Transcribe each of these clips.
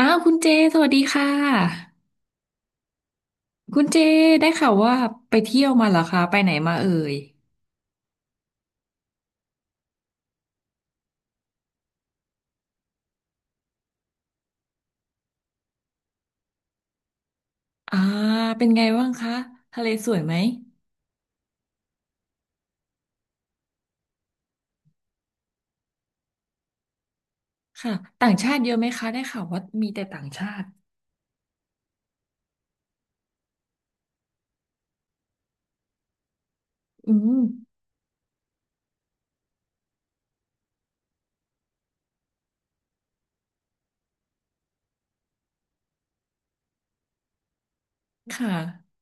อ้าวคุณเจสวัสดีค่ะคุณเจได้ข่าวว่าไปเที่ยวมาเหรอคะไปไหนมาเอ่ยอ่าเป็นไงบ้างคะทะเลสวยไหมค่ะต่างชาติเยอะไหมคะได้ข่าวว่ามีแต่ต่างชาติอืมค่ะ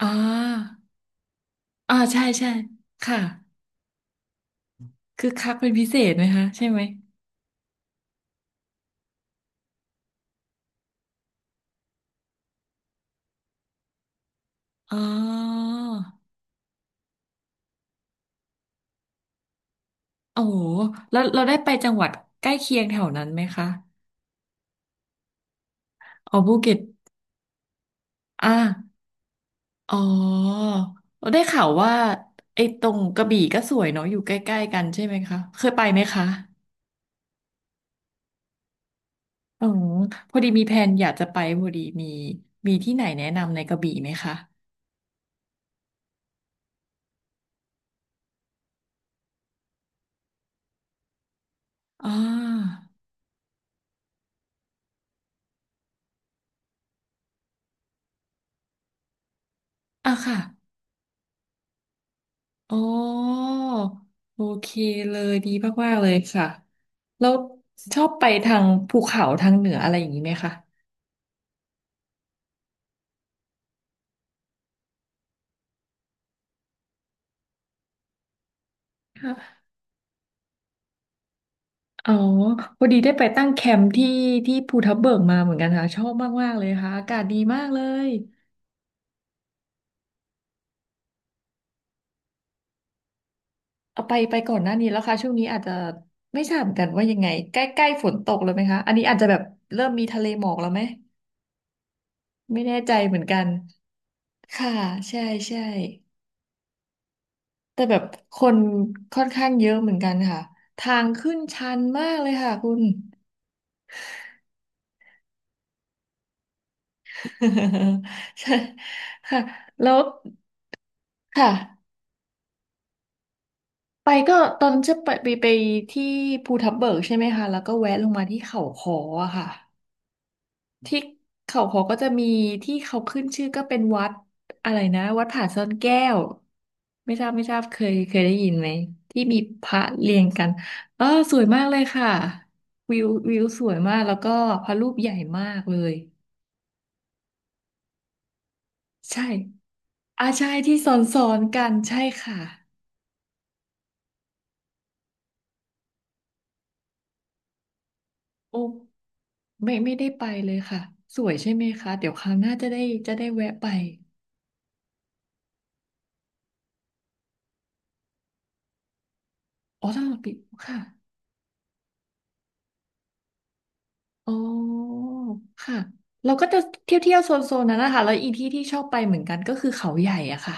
อ่าอ่าใช่ใช่ค่ะคือคักเป็นพิเศษไหมคะใช่ไหมอ๋อโอ้โหแล้วเราได้ไปจังหวัดใกล้เคียงแถวนั้นไหมคะอ๋อภูเก็ตอ่า อ๋อได้ข่าวว่าไอ้ตรงกระบี่ก็สวยเนาะอยู่ใกล้ๆกันใช่ไหมคะเคยไปไหมคะอืมพอดีมีแผนอยากจะไปพอดีมีมีที่ไหนแนะนำในกระบี่ไหมคะอ่าอ่ะค่ะอ๋อโอเคเลยดีมากๆเลยค่ะแล้วชอบไปทางภูเขาทางเหนืออะไรอย่างนี้ไหมคะค่ะอ๋อพอดีได้ไปตั้งแคมป์ที่ภูทับเบิกมาเหมือนกันค่ะชอบมากๆเลยค่ะอากาศดีมากเลย เอาไปก่อนหน้านี้แล้วค่ะช่วงนี้อาจจะไม่ทราบเหมือนกันว่ายังไงใกล้ใกล้ฝนตกแล้วไหมคะอันนี้อาจจะแบบเริ่มมีทะเลหมอกแล้วไหมไม่แน่ใจเหมือนกันค่ะใช่ใช่แต่แบบคนค่อนข้างเยอะเหมือนกันค่ะทางขึ้นชันมากเลยค่ะคุณ ใช่ค่ะแล้วค่ะไปก็ตอนจะไปที่ภูทับเบิกใช่ไหมคะแล้วก็แวะลงมาที่เขาขออะค่ะ เขาก็จะมีที่เขาขึ้นชื่อก็เป็นวัดอะไรนะวัดผาซ่อนแก้วไม่ทราบเคยได้ยินไหมที่มีพระเรียงกันเออสวยมากเลยค่ะวิววิวสวยมากแล้วก็พระรูปใหญ่มากเลยใช่อาใช่ที่ซ้อนกันใช่ค่ะโอ้ไม่ได้ไปเลยค่ะสวยใช่ไหมคะเดี๋ยวครั้งหน้าจะได้แวะไปอ๋อตลอดปิดค่ะ อ๋อค่ะเราก็จะเที่ยวโซนนั้นนะคะแล้วอีกที่ที่ชอบไปเหมือนกันก็คือเขาใหญ่อะค่ะ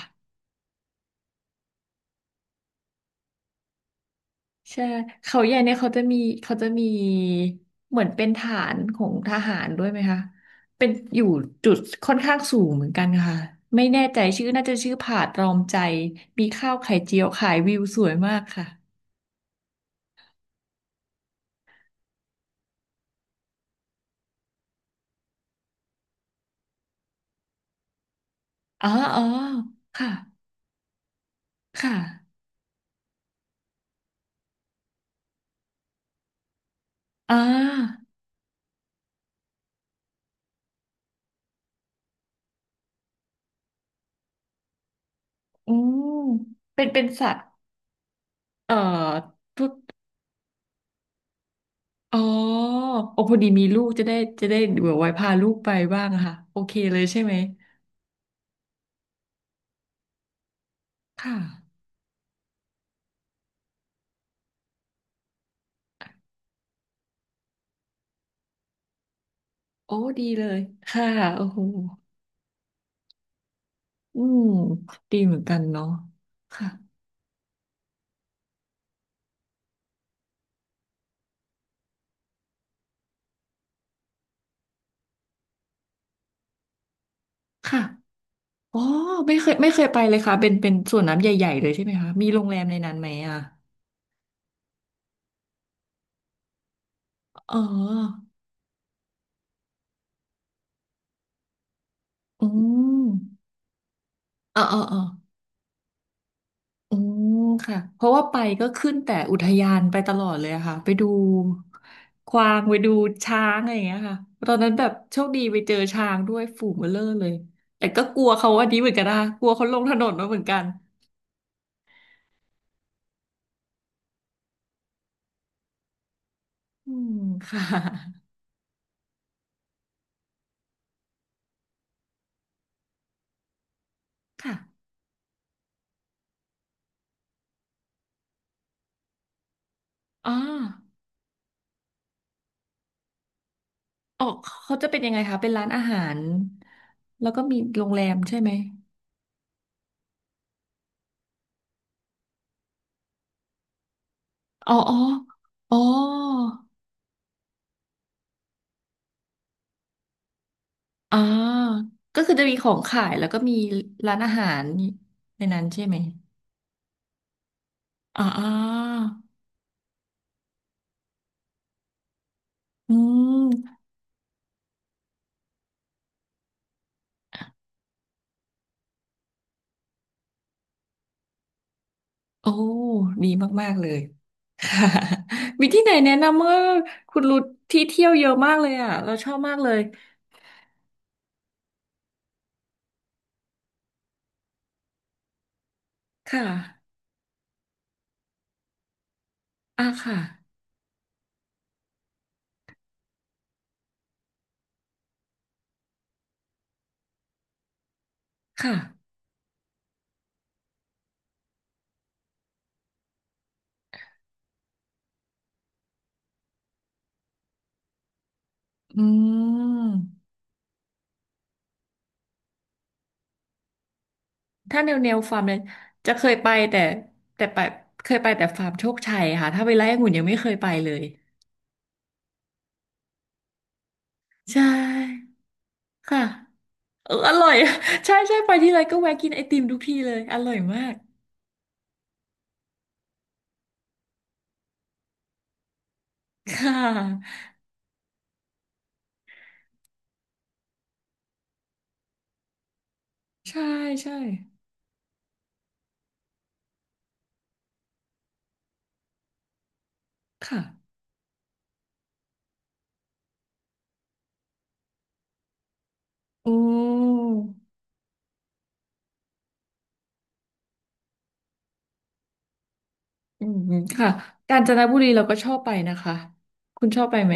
ใช่เขาใหญ่เนี่ยเขาจะมีเหมือนเป็นฐานของทหารด้วยไหมคะเป็นอยู่จุดค่อนข้างสูงเหมือนกันค่ะไม่แน่ใจชื่อน่าจะชื่อผาดรอมใจมีข้าวไข่เจียวขายวิวสวยมากค่ะอ๋ออ๋อค่ะค่ะอ่าอืมเป็นสัตว์เอ่อ อ๋อโอ้พอดีมีลูกจะได้เบื่อไว้พาลูกไปบ้างอะค่ะโอเคเลยใช่ไหมค่ะโอ้ดีเลยค่ะโอ้โหอืมดีเหมือนกันเนาะค่ะค่ะอ๋อไม่เคยไปเลยค่ะเป็นสวนน้ำใหญ่ๆเลยใช่ไหมคะมีโรงแรมในนั้นไหมอ่ะอ๋ออืมอ๋ออ๋อ อืมค่ะเพราะว่าไปก็ขึ้นแต่อุทยานไปตลอดเลยอะค่ะไปดูกวางไปดูช้างอะไรอย่างเงี้ยค่ะตอนนั้นแบบโชคดีไปเจอช้างด้วยฝูงเบ้อเร่อเลยแต่ก็กลัวเขาอันนี้เหมือนกันนะคะกลัวเขาลงถนนมาเหมือนกันอืมค่ะค่ะอ๋อออกเขาจะเป็นยังไงคะเป็นร้านอาหารแล้วก็มีโรงแรมใช่ไหมอ๋ออ๋ออ๋ออ่าก็คือจะมีของขายแล้วก็มีร้านอาหารในนั้นใช่ไหม อ่าอ่าอืมโอ้ดีมากๆเลย ค่ะ มีที่ไหนแนะนำเมื่อคุณรุดที่เที่ยวเยอะมากเลยอ่ะเราชอบมากเลย ค่ะค่ะ ค่ะ อืม ถ้าแนวฟาร์มเนี่ยจะเคยไปแต่แต่ไปเคยไปแต่ฟาร์มโชคชัยค่ะถ้าไปไร่องุ่นยังไม่เคยไปเลย ใช่ ค่ะเอออร่อย ใช่ใช่ไปที่ไรก็แวะกินไอติมทุกทีเลย อร่อยมากค่ะใช่ใช่ค่ะ อืมอืมอืมค่ะกาญจนบุรีเราก็ชอบไปนะคะ คุณชอบไปไหม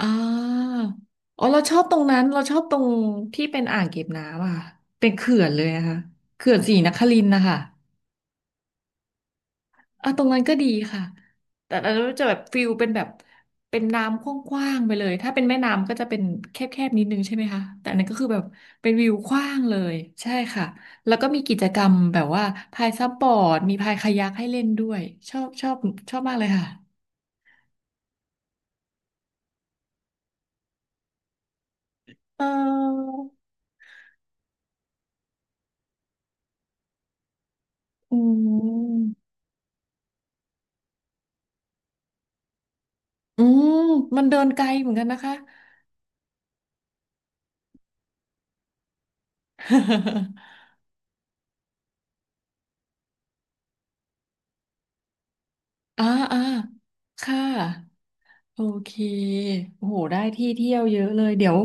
อ่าอ๋อเราชอบตรงนั้น เราชอบตรงที่เป็นอ่างเก็บน้ำอะค่ะเป็นเขื่อนเลยนะคะเขื่อนศรีนครินทร์นะคะ อ่ะตรงนั้นก็ดีค่ะแต่อันนั้นจะแบบฟิลเป็นแบบเป็นน้ำกว้างๆไปเลยถ้าเป็นแม่น้ำก็จะเป็นแคบๆนิดนึงใช่ไหมคะแต่อันนั้นก็คือแบบเป็นวิวกว้างเลยใช่ค่ะแล้วก็มีกิจกรรมแบบว่าพายซับบอร์ดมีพายคายักให้เล่นด้วยชอบชอบมากเลยค่ะเอออืมอืมมันเดินไกลเหมือนกันนะคะ อ่าอ่าค่ะ โอเคโอ้โห ได้ที่เที่ยวเยอะเลย เดี๋ยว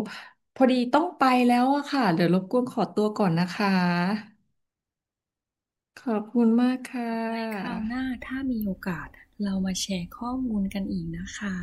พอดีต้องไปแล้วอะค่ะ เดี๋ยวรบกวนขอตัวก่อนนะคะ ขอบคุณมากค่ะไว้คราวหน้าถ้ามีโอกาสเรามาแชร์ข้อมูลกันอีกนะคะ